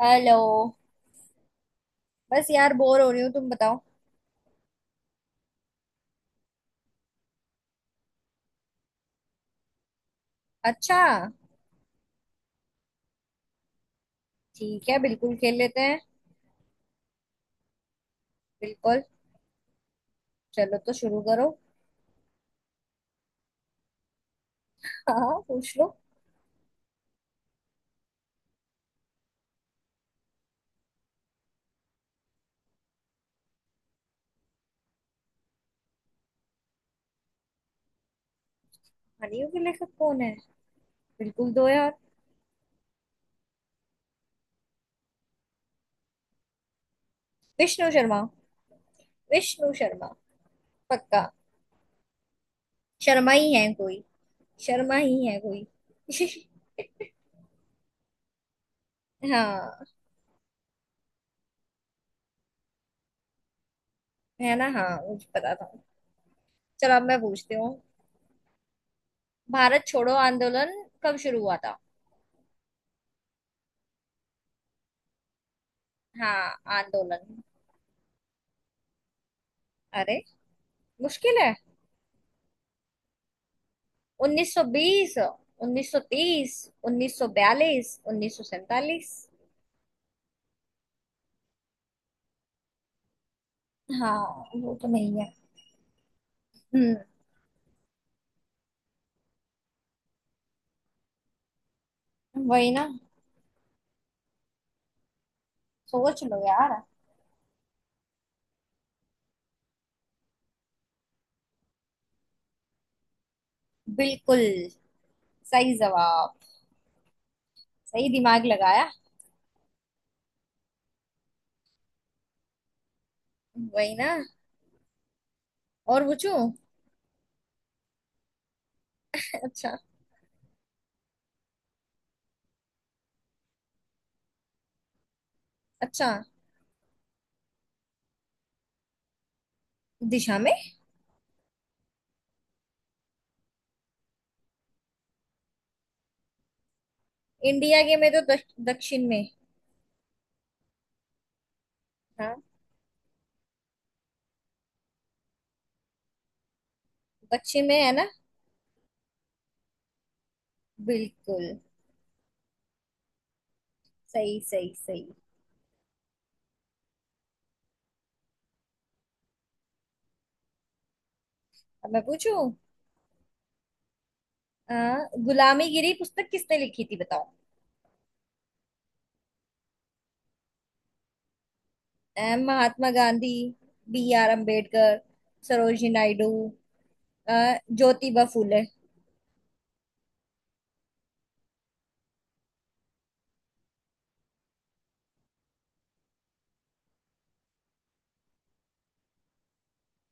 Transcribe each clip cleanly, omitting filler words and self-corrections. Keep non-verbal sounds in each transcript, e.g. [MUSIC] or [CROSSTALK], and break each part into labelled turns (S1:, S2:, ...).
S1: Hello. बस यार bore हो रही हूँ, तुम बताओ। अच्छा। ठीक है, बिल्कुल खेल लेते हैं। बिल्कुल। चलो तो शुरू करो। हाँ हाँ, पूछ लो। हानियों के लेखक कौन है। बिल्कुल दो यार। विष्णु शर्मा। विष्णु शर्मा। पक्का। शर्मा ही है कोई। शर्मा ही है कोई। [LAUGHS] हाँ। है ना, हाँ मुझे पता था। चलो अब मैं पूछती हूँ। भारत छोड़ो आंदोलन कब शुरू हुआ था। हाँ, आंदोलन। अरे, मुश्किल है। 1920, 1930, 1942, 1947। हाँ। वो तो नहीं है। हम्म। वही ना। सोच लो यार। बिल्कुल सही जवाब। सही दिमाग लगाया। वही ना। और पूछू। अच्छा। अच्छा। दिशा में। इंडिया के में तो दक्षिण में। हाँ। दक्षिण में है ना। बिल्कुल। सही सही सही। अब मैं पूछू। गुलामीगिरी पुस्तक किसने लिखी थी, बताओ। महात्मा गांधी, बी आर अम्बेडकर, सरोजिनी नायडू, अ, ज्योतिबा फूले।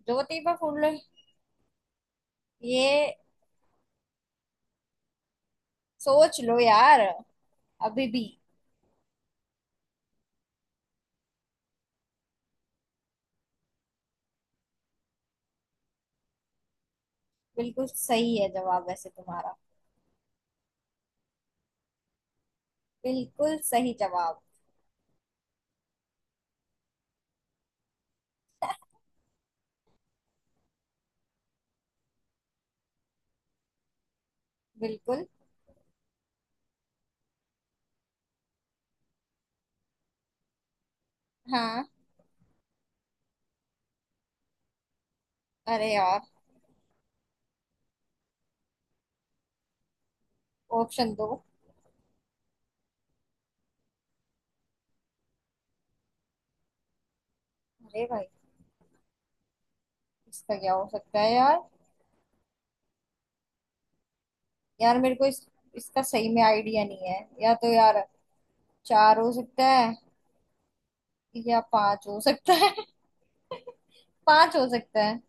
S1: ज्योतिबा फूले। ये सोच लो यार, अभी भी। बिल्कुल सही है जवाब वैसे तुम्हारा। बिल्कुल सही जवाब। बिल्कुल। हाँ। अरे यार। ऑप्शन दो। अरे भाई, इसका क्या हो सकता है यार। यार मेरे को इस इसका सही में आइडिया नहीं है या तो यार। चार हो सकता है या पांच हो सकता है। [LAUGHS] पांच हो सकता है।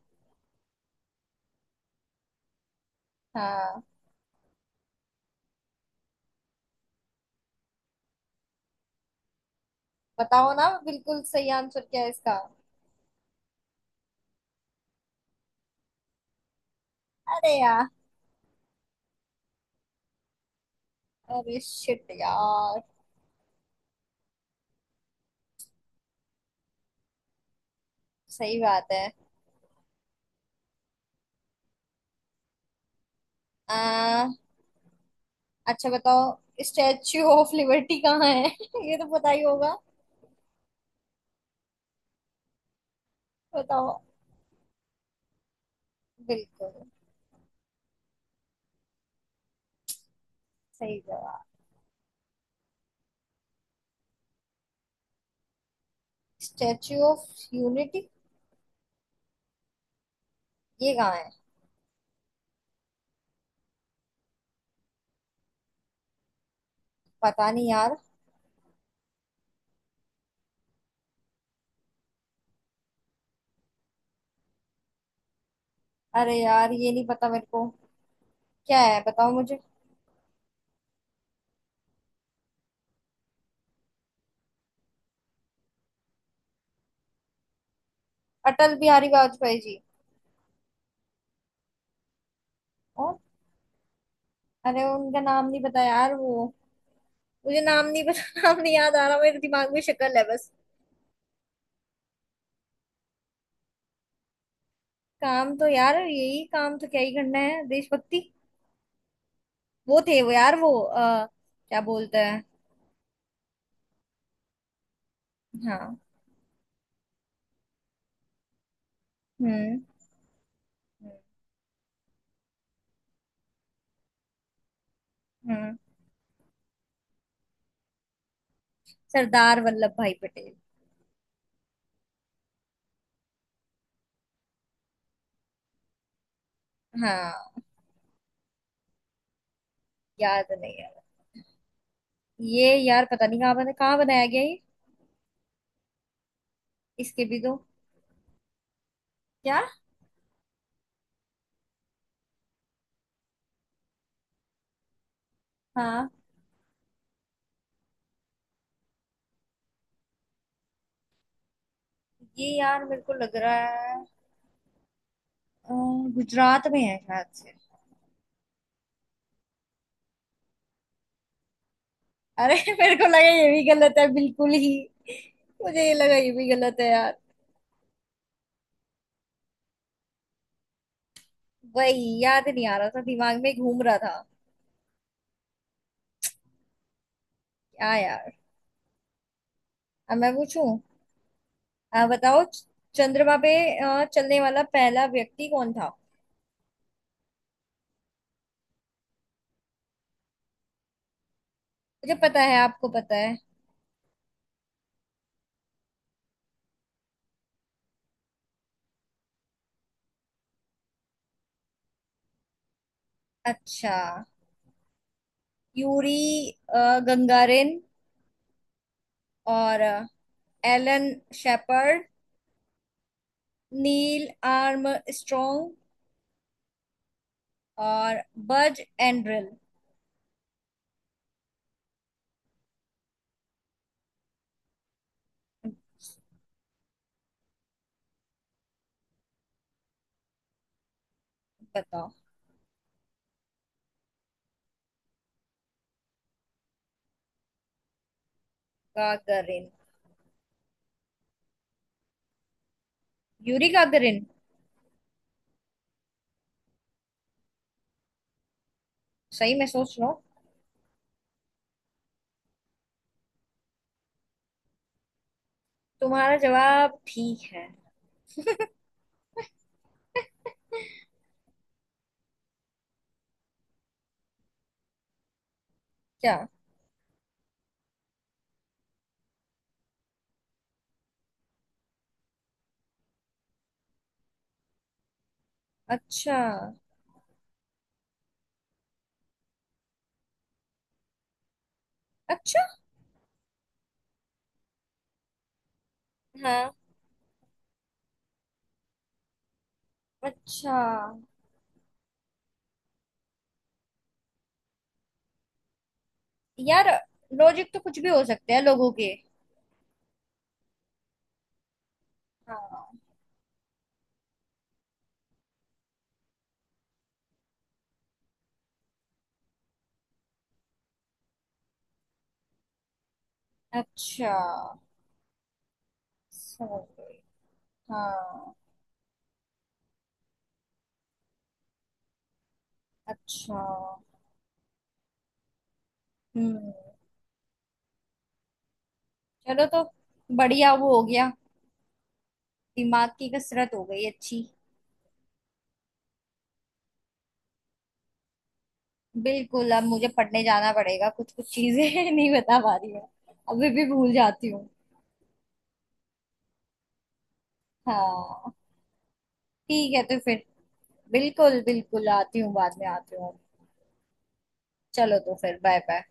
S1: हाँ। बताओ ना बिल्कुल सही आंसर क्या है इसका। अरे यार। अरे शिट यार। सही बात है। आ, अच्छा बताओ, स्टैच्यू ऑफ लिबर्टी कहाँ है। [LAUGHS] ये तो पता ही होगा। बताओ। बिल्कुल सही जवाब। स्टैच्यू ऑफ यूनिटी ये कहाँ है। पता नहीं यार। अरे यार ये नहीं पता मेरे को। क्या है बताओ मुझे। अटल बिहारी वाजपेयी जी। और। अरे उनका नाम नहीं पता यार, वो मुझे नाम नहीं पता। [LAUGHS] नाम नहीं याद आ रहा, मेरे दिमाग में शक्ल है बस। काम तो यार यही, काम तो क्या ही करना है, देशभक्ति। वो थे वो यार, वो क्या बोलते हैं। हाँ। हम्म। हम्म। हम्म, सरदार वल्लभ भाई पटेल। हाँ। याद नहीं है। ये यार पता नहीं कहाँ बना, कहाँ बनाया गया ये। इसके भी तो। क्या। हाँ। ये यार मेरे को लग रहा है अ, गुजरात में है शायद से। अरे [LAUGHS] मेरे को लगा ये भी गलत है बिल्कुल ही। मुझे ये लगा ये भी गलत है यार। वही याद नहीं आ रहा था, दिमाग में घूम रहा था। क्या यार। अब मैं पूछूं। बताओ, चंद्रमा पे चलने वाला पहला व्यक्ति कौन था। मुझे पता है, आपको पता है। अच्छा। यूरी गंगारिन, और एलन शेपर्ड, नील आर्मस्ट्रॉन्ग और बज एंड्रिल। बताओ। गागरिन। यूरी गागरिन सही, मैं सोच रहा हूँ। तुम्हारा जवाब ठीक है। [LAUGHS] क्या। अच्छा। अच्छा। अच्छा। हाँ। अच्छा यार, लॉजिक तो कुछ भी हो सकते हैं लोगों के। हाँ। अच्छा, समझ गई। हाँ। अच्छा। हम्म। चलो तो बढ़िया, वो हो गया। दिमाग की कसरत हो गई अच्छी। बिल्कुल, अब मुझे पढ़ने जाना पड़ेगा, कुछ कुछ चीजें [LAUGHS] नहीं बता पा रही मैं, अभी भी भूल जाती हूँ। हाँ। ठीक है तो फिर। बिल्कुल बिल्कुल, आती हूँ बाद में, आती हूँ। चलो तो फिर, बाय बाय।